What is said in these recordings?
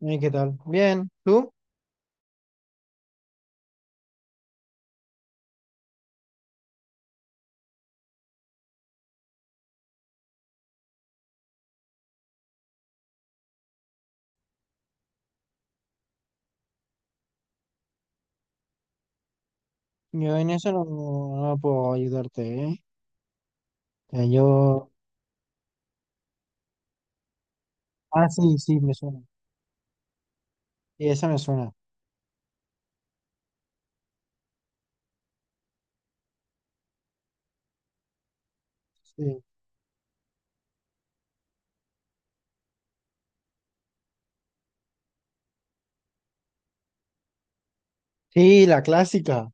¿Qué tal? Bien, ¿tú? Yo en eso no puedo ayudarte, ¿eh? O sea, yo... Ah, sí, sí, me suena. Sí, esa me suena. Sí. Sí, la clásica,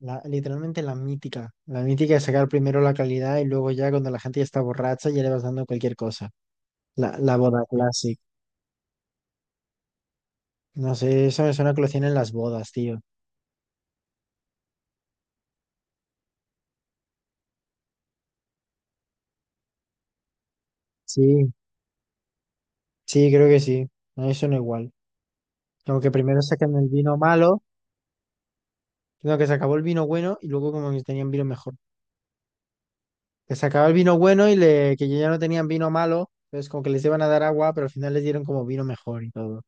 literalmente la mítica. La mítica de sacar primero la calidad y luego ya cuando la gente ya está borracha ya le vas dando cualquier cosa. La boda classic. No sé, eso me suena que lo tienen las bodas, tío. Sí, sí, creo que sí. No, eso no igual. Como que primero sacan el vino malo, sino que se acabó el vino bueno y luego como que tenían vino mejor. Que sacaba el vino bueno y que ya no tenían vino malo, entonces como que les iban a dar agua, pero al final les dieron como vino mejor y todo.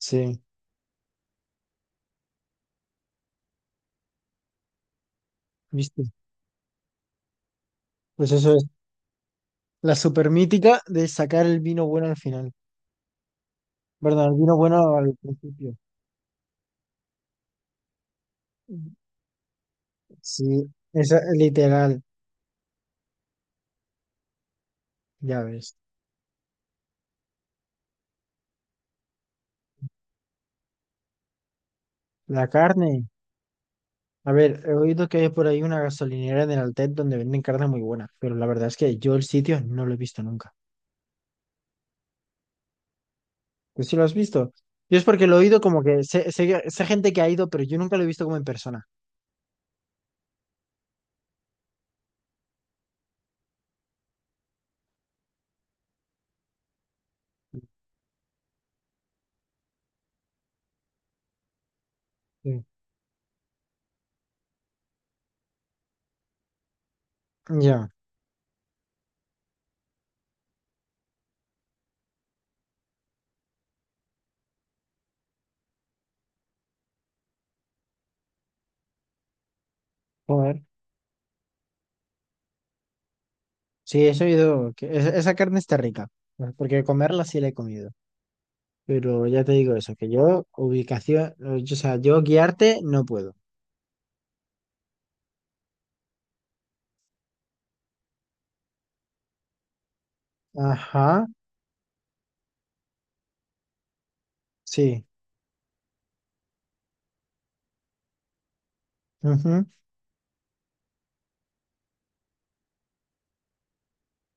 Sí, ¿viste? Pues eso es la super mítica de sacar el vino bueno al final. Perdón, el vino bueno al principio. Sí, esa es literal, ya ves. La carne. A ver, he oído que hay por ahí una gasolinera en el Altet donde venden carne muy buena, pero la verdad es que yo el sitio no lo he visto nunca. ¿Pues sí lo has visto? Yo es porque lo he oído, como que sé, gente que ha ido, pero yo nunca lo he visto como en persona. Sí. Ya, joder. Sí, eso he oído, que esa carne está rica, pues, porque comerla sí la he comido. Pero ya te digo eso, que yo ubicación, o sea, yo guiarte no puedo. Ajá, sí. Ujú.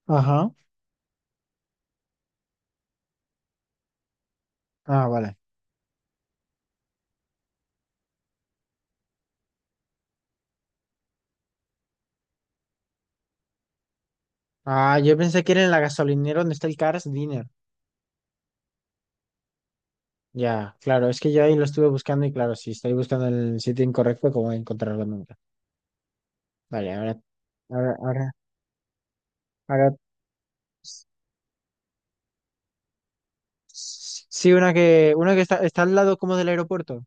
Ajá. Ah, vale. Ah, yo pensé que era en la gasolinera donde está el Cars Dinner. Ya, claro, es que yo ahí lo estuve buscando y claro, si estoy buscando en el sitio incorrecto, ¿cómo voy a encontrarlo nunca? Vale, ahora, ahora, ahora, ahora. Sí, una que está al lado como del aeropuerto.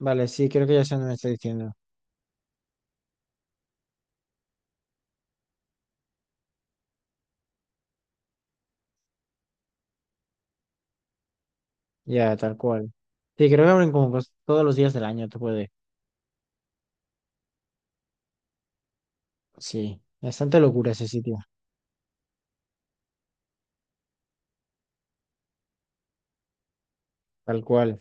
Vale, sí, creo que ya sé dónde me está diciendo. Ya, tal cual. Sí, creo que abren como todos los días del año, tú puedes. Sí, bastante locura ese sitio, tal cual.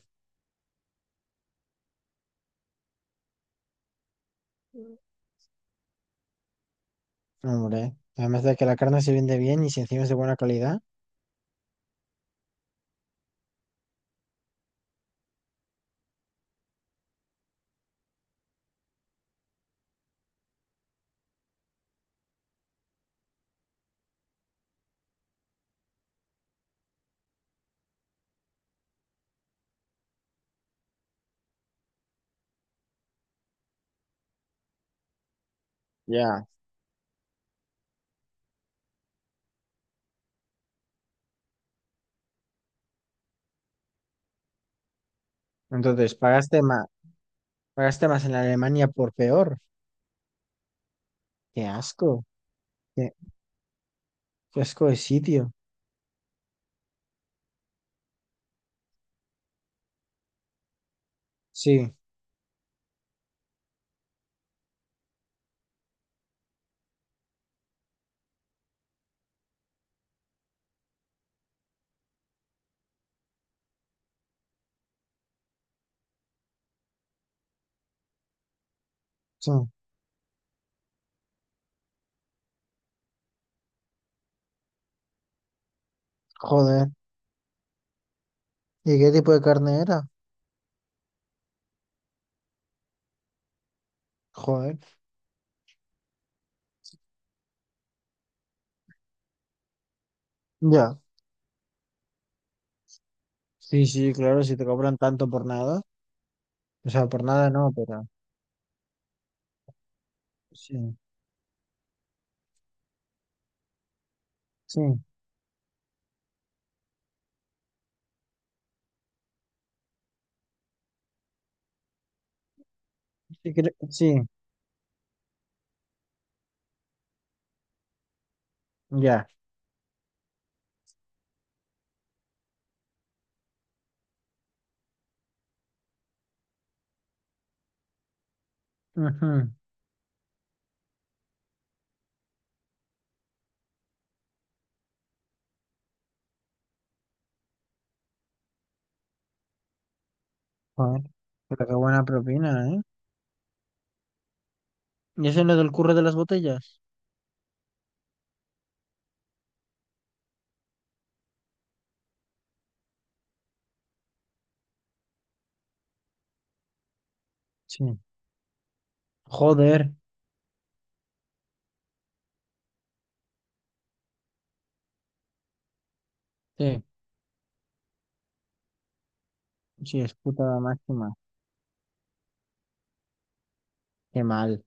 Hombre, además de que la carne se vende bien y si encima es de buena calidad. Ya. Entonces, pagaste más en Alemania por peor. Qué asco, qué, qué asco de sitio. Sí, sí, joder. ¿Y qué tipo de carne era? Joder. Ya. Sí, sí, claro, si te cobran tanto por nada. O sea, por nada no, pero sí, sí. Sí, sí, ya. Ujú. Joder, pero qué buena propina, ¿eh? ¿Y eso es lo del curro de las botellas? Sí. Joder, sí, sí, es puta máxima. Qué mal.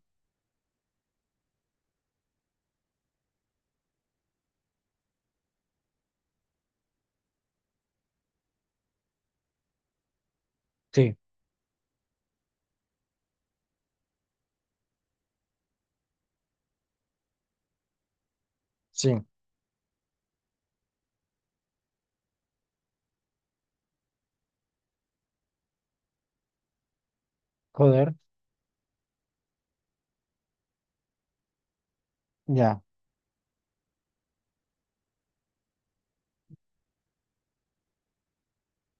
Sí, sí, joder, ya,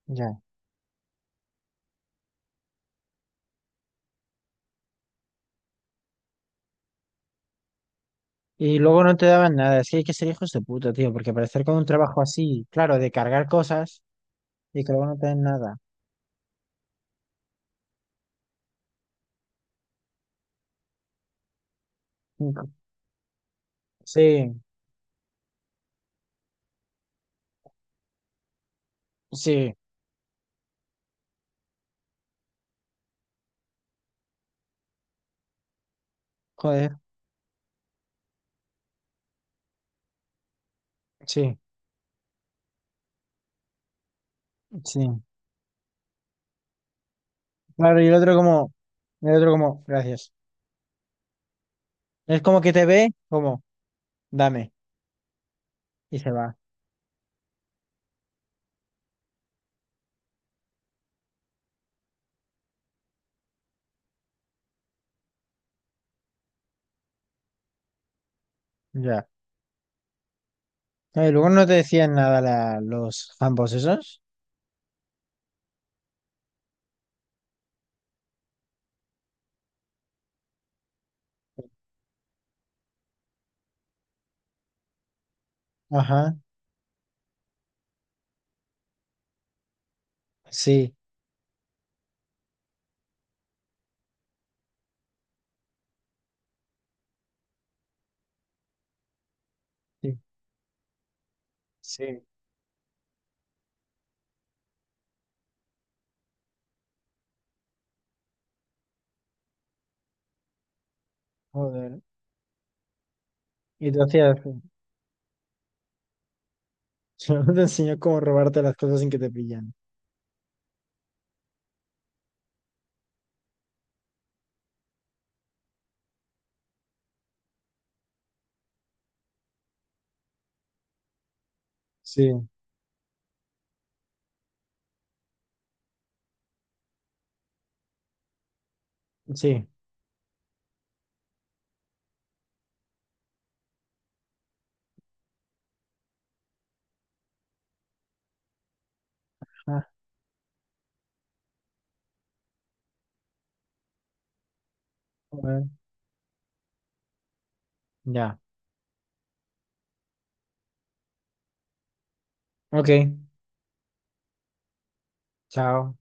ya. Y luego no te daban nada, es que hay que ser hijos de puta, tío, porque aparecer con un trabajo así, claro, de cargar cosas y que luego no te den nada. Sí, sí, joder, sí, sí. Claro, y el otro como, gracias. Es como que te ve como, dame. Y se va, ya. No, y luego no te decían nada, los ambos esos. Ajá, sí, sí, sí, joder. Y tú hacías, solo te enseñó cómo robarte las cosas sin que te pillan. Sí, sí, ah, joder, ya. Ok, chao.